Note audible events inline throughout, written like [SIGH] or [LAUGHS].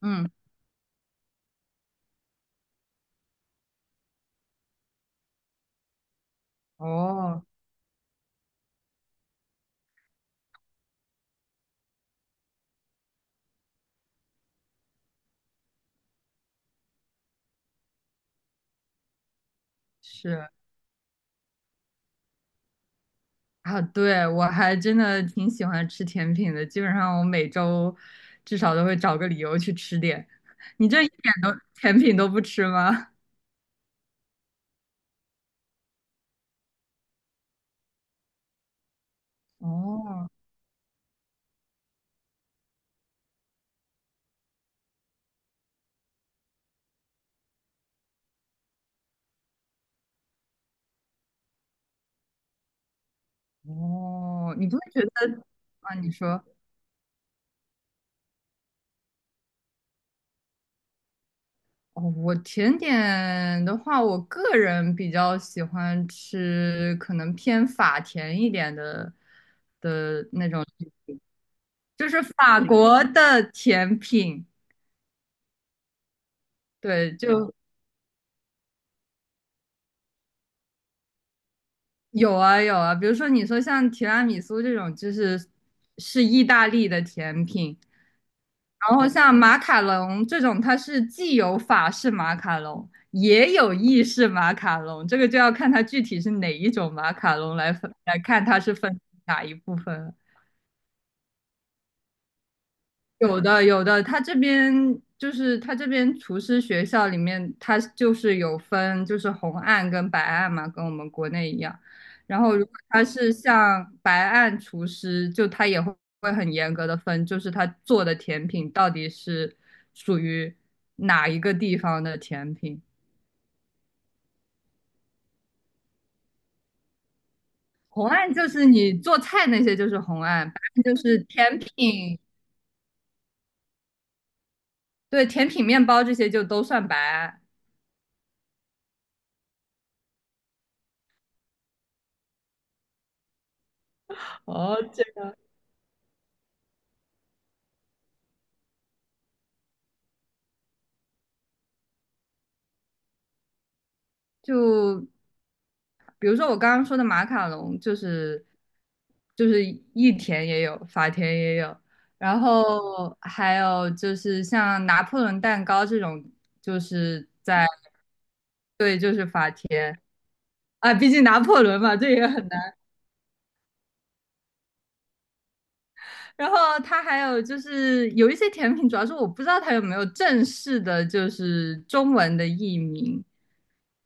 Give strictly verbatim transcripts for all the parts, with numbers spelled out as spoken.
嗯。哦，是啊，对，我还真的挺喜欢吃甜品的，基本上我每周至少都会找个理由去吃点。你这一点都甜品都不吃吗？[LAUGHS] 哦哦，你不会觉得啊？你说哦，我甜点的话，我个人比较喜欢吃可能偏法甜一点的的那种，就是法国的甜品。对，就有啊有啊，比如说你说像提拉米苏这种，就是是意大利的甜品，然后像马卡龙这种，它是既有法式马卡龙，也有意式马卡龙，这个就要看它具体是哪一种马卡龙来分来看它是分哪一部分了。有的有的，他这边就是他这边厨师学校里面，他就是有分就是红案跟白案嘛，跟我们国内一样。然后如果他是像白案厨师，就他也会会很严格的分，就是他做的甜品到底是属于哪一个地方的甜品。红案就是你做菜那些就是红案，白案就是甜品。对，甜品面包这些就都算白案。哦，就比如说我刚刚说的马卡龙，就是就是意甜也有，法甜也有，然后还有就是像拿破仑蛋糕这种，就是在对啊，毕竟拿破仑嘛，这也很难。然后它还有就是有一些甜品，主要是我不知道它有没有正式的，就是中文的译名。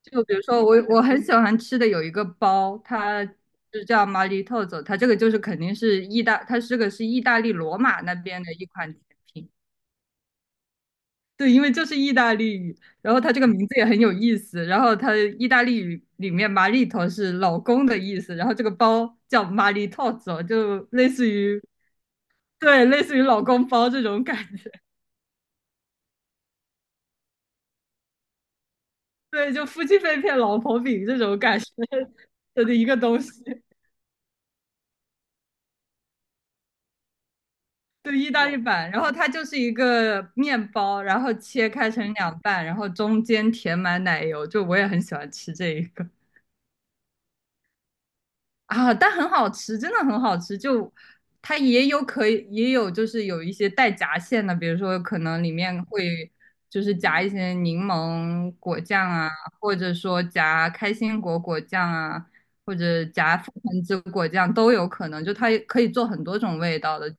就比如说我我很喜欢吃的有一个包，它就叫 m 里透 i， 它这个就是肯定是意大，它这个是意大利罗马那边的一款甜品。对，因为就是意大利语，然后它这个名字也很有意思。然后它意大利语里面 m 里头是老公的意思，然后这个包叫 m 里透 i， 就类似于对，类似于老公包这种感觉。对，就夫妻肺片、老婆饼这种感觉 [LAUGHS] 的一个东西。对，意大利版，然后它就是一个面包，然后切开成两半，然后中间填满奶油，就我也很喜欢吃这一个啊，但很好吃，真的很好吃。就它也有可以，也有就是有一些带夹馅的，比如说可能里面会就是夹一些柠檬果酱啊，或者说夹开心果果酱啊，或者夹覆盆子果酱都有可能，就它也可以做很多种味道的。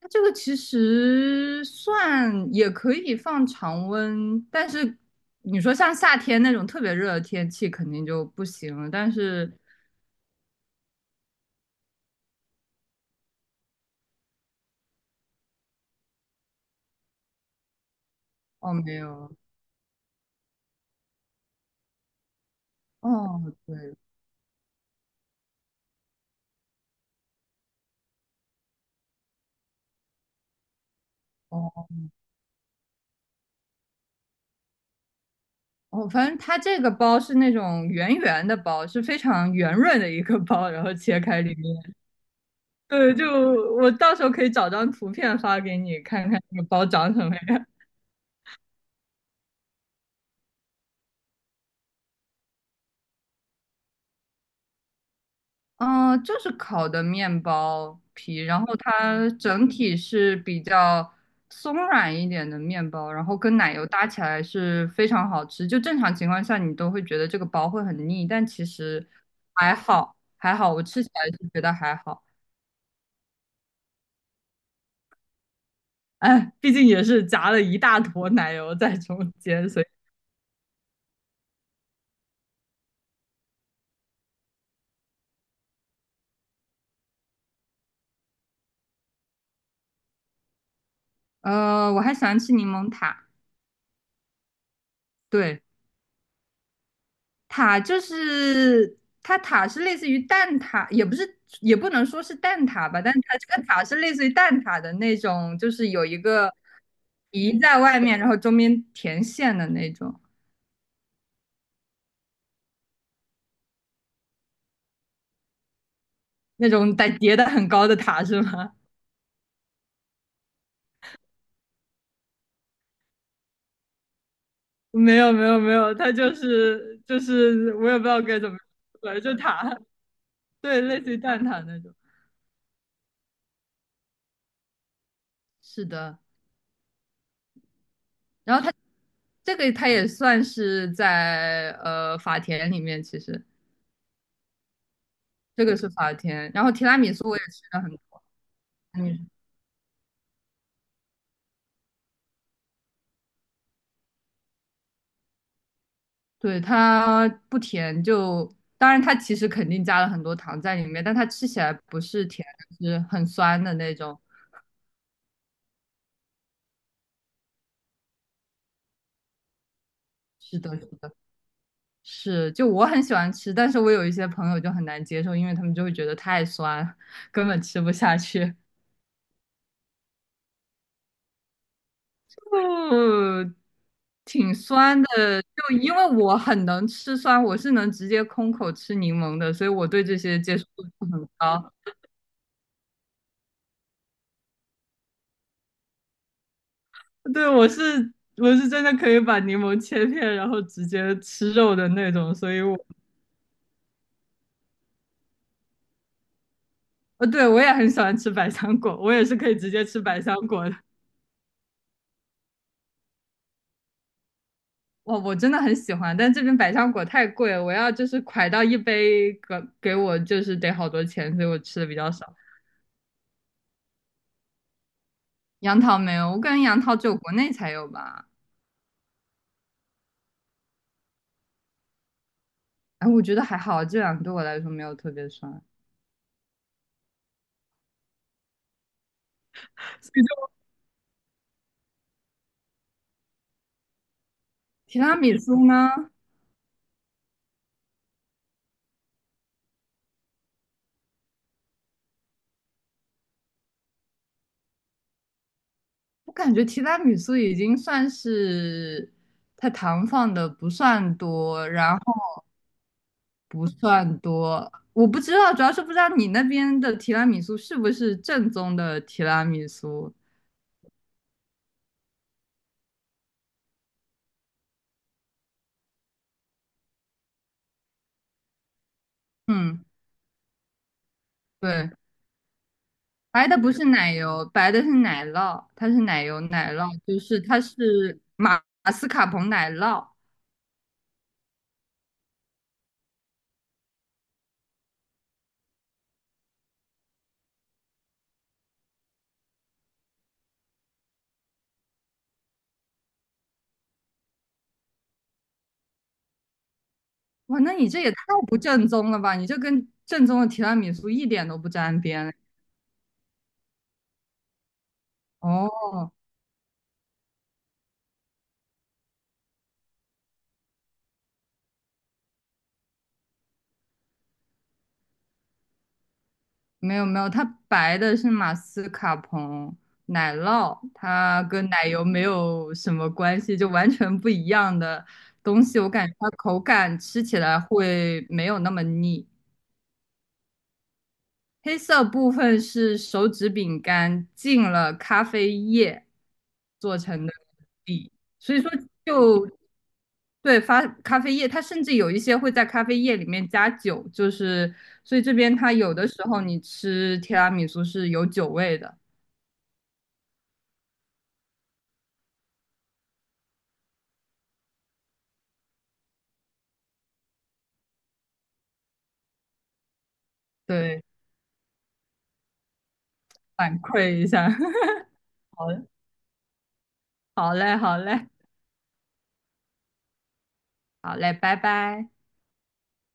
它这个其实算也可以放常温，但是你说像夏天那种特别热的天气肯定就不行了。但是哦，没有。哦，对。哦哦，反正它这个包是那种圆圆的包，是非常圆润的一个包，然后切开里面，对，就我到时候可以找张图片发给你看看那个包长什么样。嗯，呃就是烤的面包皮，然后它整体是比较松软一点的面包，然后跟奶油搭起来是非常好吃。就正常情况下，你都会觉得这个包会很腻，但其实还好，还好，我吃起来是觉得还好。哎，毕竟也是夹了一大坨奶油在中间，所以呃，我还喜欢吃柠檬塔。对，塔就是它塔是类似于蛋挞，也不是也不能说是蛋挞吧，但是它这个塔是类似于蛋挞的那种，就是有一个皮在外面，然后中间填馅的那种，那种得叠的很高的塔是吗？[LAUGHS] 没有没有没有，它就是就是我也不知道该怎么说，就塔，对，类似于蛋挞那种。是的，然后它这个它也算是在呃法田里面，其实。这个是法甜，然后提拉米苏我也吃的很多，嗯，对，它不甜就，当然它其实肯定加了很多糖在里面，但它吃起来不是甜，是很酸的那种。是的，是的，是，就我很喜欢吃，但是我有一些朋友就很难接受，因为他们就会觉得太酸，根本吃不下去。[LAUGHS] 嗯，挺酸的，就因为我很能吃酸，我是能直接空口吃柠檬的，所以我对这些接受度很高。对，我是我是真的可以把柠檬切片，然后直接吃肉的那种，所以我，呃，对，我也很喜欢吃百香果，我也是可以直接吃百香果的。哇，我真的很喜欢，但这边百香果太贵了，我要就是蒯到一杯给给我就是得好多钱，所以我吃的比较少。杨桃没有，我感觉杨桃只有国内才有吧。哎，我觉得还好，这两个对我来说没有特别酸。提拉米苏呢？我感觉提拉米苏已经算是它糖放的不算多，然后不算多，我不知道，主要是不知道你那边的提拉米苏是不是正宗的提拉米苏。嗯，对，白的不是奶油，白的是奶酪，它是奶油奶酪，就是它是马马斯卡彭奶酪。哇，那你这也太不正宗了吧？你这跟正宗的提拉米苏一点都不沾边。哦，没有没有，它白的是马斯卡彭奶酪，它跟奶油没有什么关系，就完全不一样的东西。我感觉它口感吃起来会没有那么腻。黑色部分是手指饼干浸了咖啡液做成的底，所以说就对发咖啡液，它甚至有一些会在咖啡液里面加酒，就是所以这边它有的时候你吃提拉米苏是有酒味的，对，反馈一下，[LAUGHS] 好嘞，好嘞，好嘞，好嘞，拜拜。